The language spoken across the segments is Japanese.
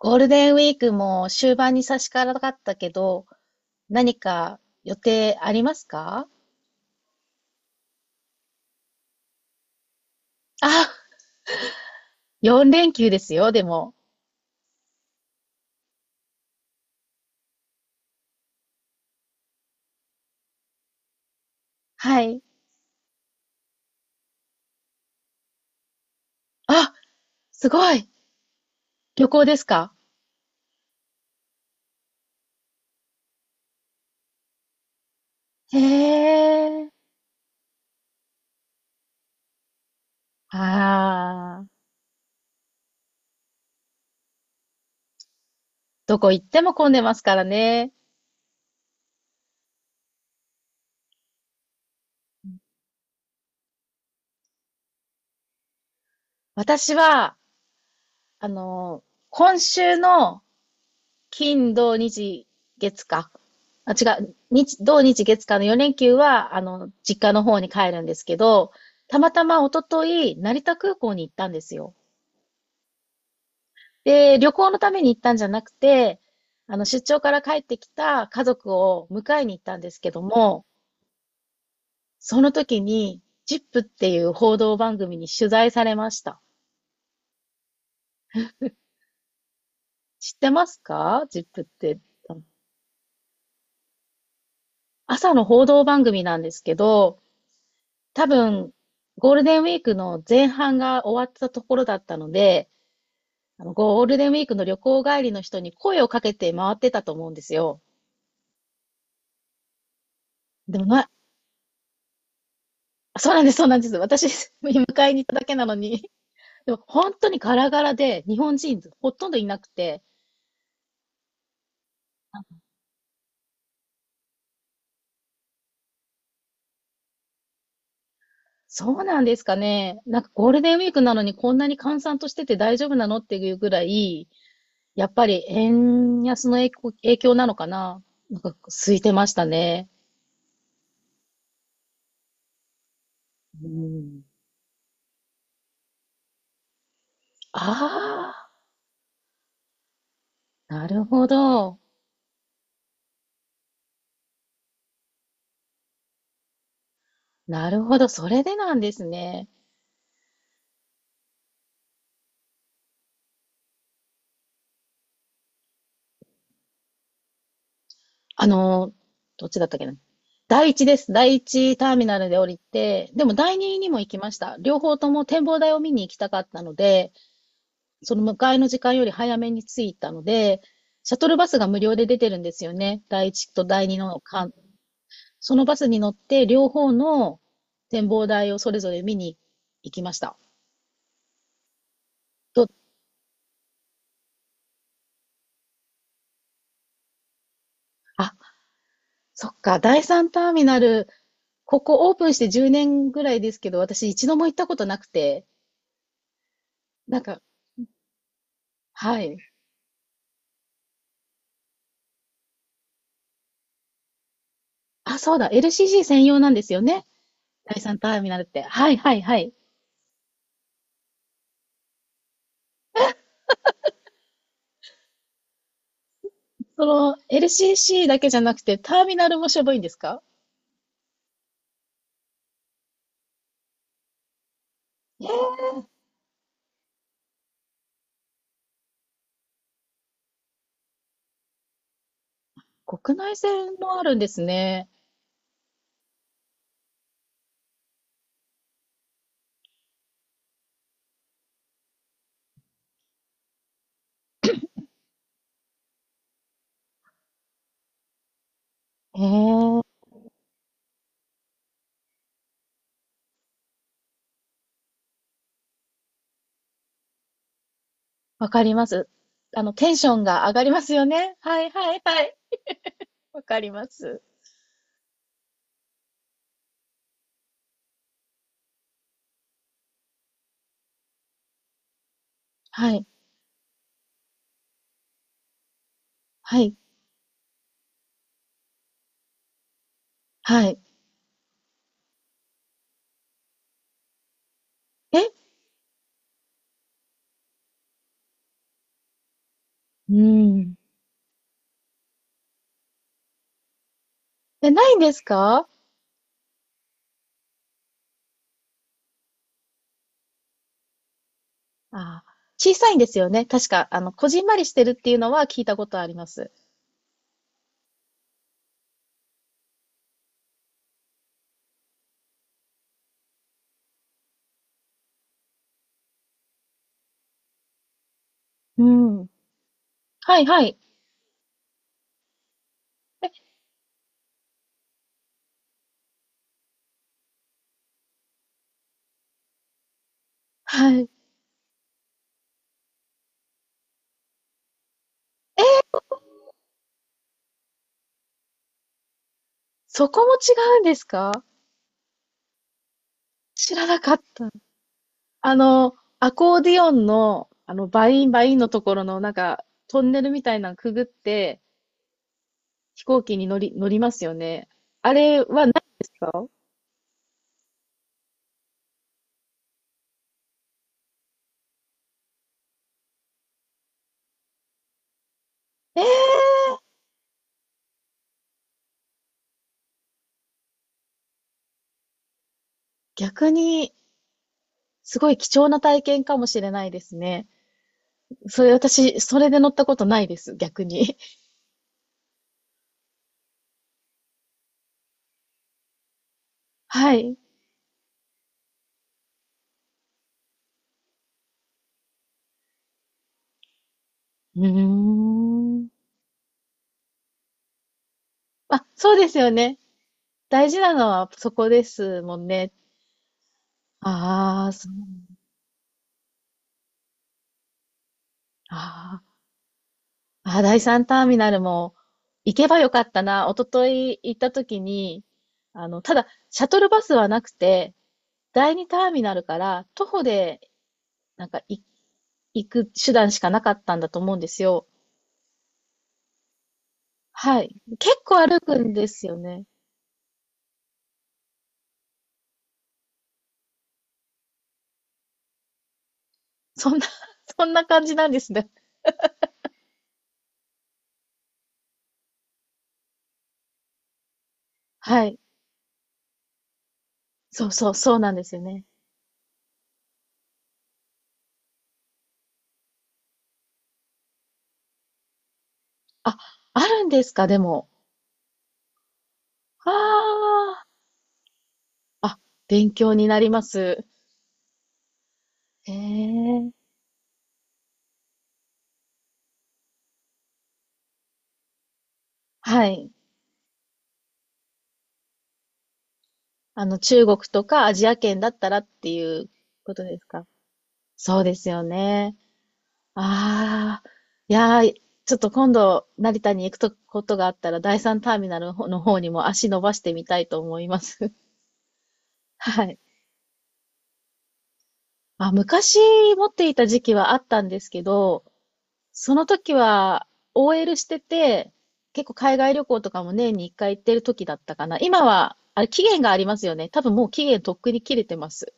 ゴールデンウィークも終盤に差し掛かったけど、何か予定ありますか？あ、4連休ですよ、でも。はい。あ、すごい。旅行ですか？へえ。ああ、どこ行っても混んでますからね。私は、あの、今週の金、土、日、月か。あ、違う。日、土日月間の4連休は、実家の方に帰るんですけど、たまたま一昨日、成田空港に行ったんですよ。で、旅行のために行ったんじゃなくて、出張から帰ってきた家族を迎えに行ったんですけども、その時に、ジップっていう報道番組に取材されました。知ってますか、ジップって？朝の報道番組なんですけど、多分、ゴールデンウィークの前半が終わったところだったので、ゴールデンウィークの旅行帰りの人に声をかけて回ってたと思うんですよ。でもな、そうなんです、そうなんです。私、迎えに行っただけなのに。でも本当にガラガラで、日本人ほとんどいなくて、そうなんですかね。なんかゴールデンウィークなのにこんなに閑散としてて大丈夫なのっていうぐらい、やっぱり円安の影響なのかな。なんか空いてましたね。うん。ああ、なるほど。なるほど。それでなんですね。あのー、どっちだったっけな。第一です。第一ターミナルで降りて、でも第二にも行きました。両方とも展望台を見に行きたかったので、その迎えの時間より早めに着いたので、シャトルバスが無料で出てるんですよね。第一と第二の間。そのバスに乗って両方の展望台をそれぞれ見に行きました。と、あ、そっか、第三ターミナル、ここオープンして10年ぐらいですけど、私一度も行ったことなくて、なんか、はい、あ、そうだ、LCC 専用なんですよね。第三ターミナルって。はいはいはい。その LCC だけじゃなくて、ターミナルもしょぼいんですか？えー、国内線もあるんですね。ええ、わかります。テンションが上がりますよね。はいはいはい。わかります。はい、はい、はい。えうーん。え、ないんですか？ああ、小さいんですよね。確か、こじんまりしてるっていうのは聞いたことあります。うん。はいはい。え、はい。そこも違うんですか？知らなかった。アコーディオンの、バインバインのところの、なんか、トンネルみたいなのくぐって、飛行機に乗りますよね。あれはないですか？えー、逆に、すごい貴重な体験かもしれないですね。それ、私、それで乗ったことないです、逆に。はい。うーん。あ、そうですよね。大事なのはそこですもんね。ああ、そう。ああ。あ、第三ターミナルも行けばよかったな。一昨日行った時に、ただ、シャトルバスはなくて、第二ターミナルから徒歩で、なんかい行く手段しかなかったんだと思うんですよ。はい。結構歩くんですよね。そんな そんな感じなんですね。はい。そうそう、そうなんですよね。あ、あるんですか、でも。ああ、あ、勉強になります。へえ。はい。中国とかアジア圏だったらっていうことですか？そうですよね。ああ、いやー、ちょっと今度、成田に行くとことがあったら、第三ターミナルの方にも足伸ばしてみたいと思います。はい。あ、昔持っていた時期はあったんですけど、その時は OL してて、結構海外旅行とかも年に1回行ってる時だったかな。今は、あれ期限がありますよね。多分もう期限とっくに切れてます。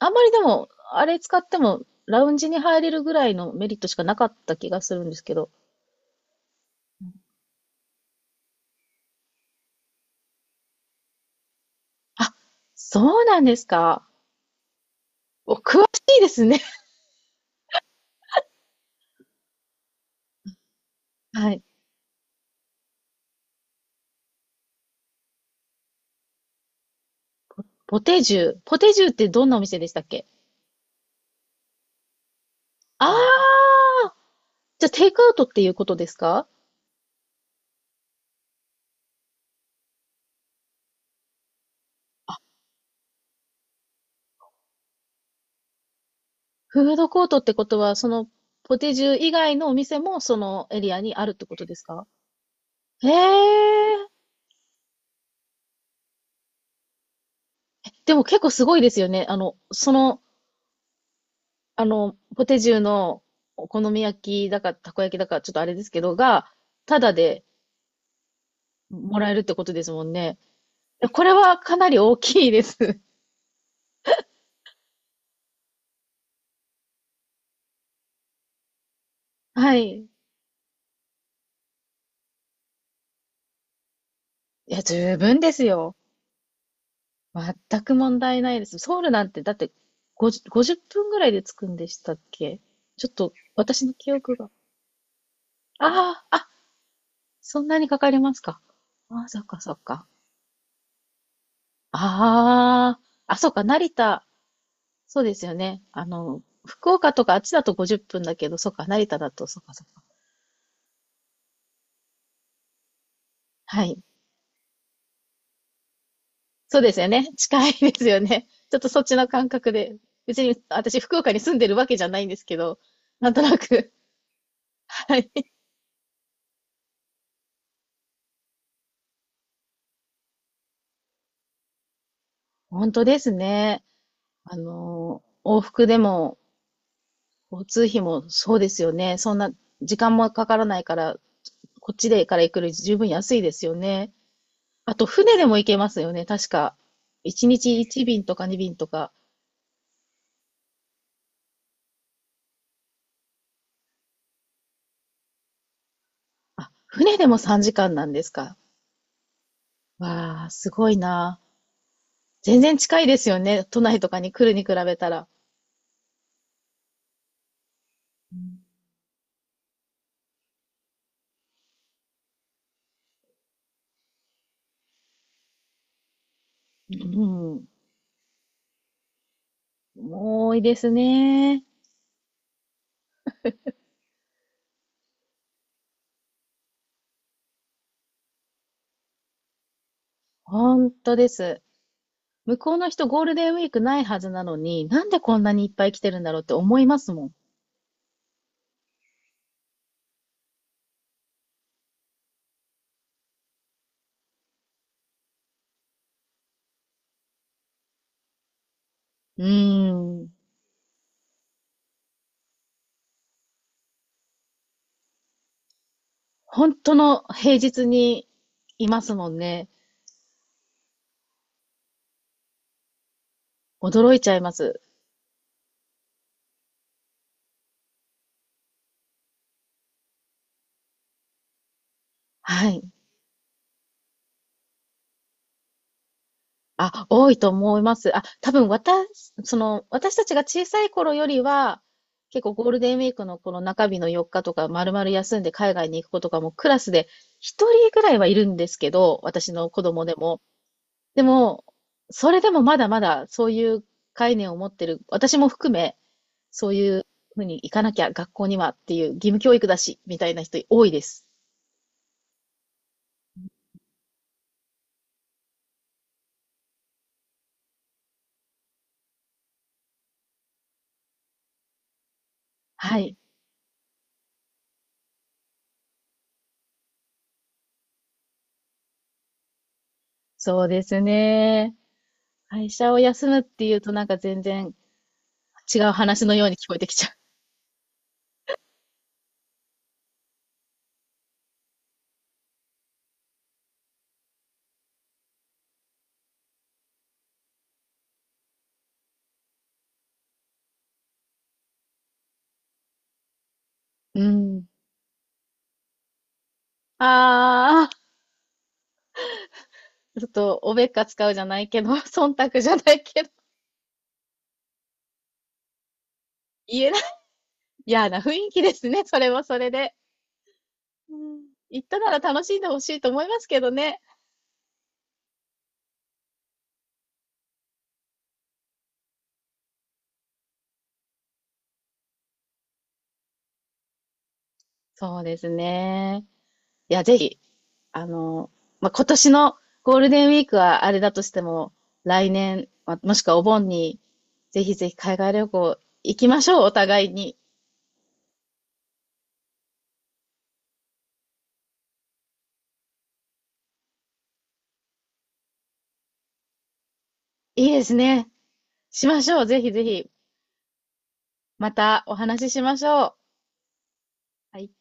あんまりでも、あれ使っても、ラウンジに入れるぐらいのメリットしかなかった気がするんですけど。あ、そうなんですか。お、詳しいですね。はい。ポテジュ。ポテジュってどんなお店でしたっけ？ああー、じゃあテイクアウトっていうことですか？フードコートってことは、そのポテジュ以外のお店もそのエリアにあるってことですか？へえ。でも結構すごいですよね。そのポテジュのお好み焼きだか、たこ焼きだか、ちょっとあれですけど、が、ただでもらえるってことですもんね。これはかなり大きいです。はい。いや、十分ですよ。全く問題ないです。ソウルなんて、だって50、50分ぐらいで着くんでしたっけ？ちょっと、私の記憶が。ああ、あ、そんなにかかりますか。ああ、そっかそっか。ああ、あ、そっか、成田。そうですよね。福岡とかあっちだと50分だけど、そっか、成田だと、そっかそっか。はい。そうですよね。近いですよね。ちょっとそっちの感覚で。別に私、福岡に住んでるわけじゃないんですけど、なんとなく。はい。本当ですね。往復でも、交通費もそうですよね。そんな時間もかからないから、こっちでから行くより十分安いですよね。あと、船でも行けますよね。確か。1日1便とか2便とか。あ、船でも3時間なんですか？わあ、すごいな。全然近いですよね。都内とかに来るに比べたら。うん。多いですね。本当です。向こうの人ゴールデンウィークないはずなのに、なんでこんなにいっぱい来てるんだろうって思いますもん。うーん。本当の平日にいますもんね。驚いちゃいます。はい。あ、多いと思います。あ、多分私、私たちが小さい頃よりは、結構ゴールデンウィークのこの中日の4日とか、丸々休んで海外に行く子とかもクラスで1人ぐらいはいるんですけど、私の子供でも。でも、それでもまだまだそういう概念を持ってる、私も含め、そういうふうに行かなきゃ学校にはっていう義務教育だし、みたいな人多いです。はい。そうですね。会社を休むっていうとなんか全然違う話のように聞こえてきちゃう。うん。ああ、ちょっと、おべっか使うじゃないけど、忖度じゃないけど、言えない。嫌な雰囲気ですね、それはそれで。うん。言ったなら楽しんでほしいと思いますけどね。そうですね。いや、ぜひ、あの、まあ、今年のゴールデンウィークはあれだとしても、来年、もしくはお盆に、ぜひぜひ海外旅行行きましょう、お互いに。いいですね。しましょう。ぜひぜひ、またお話ししましょう。はい。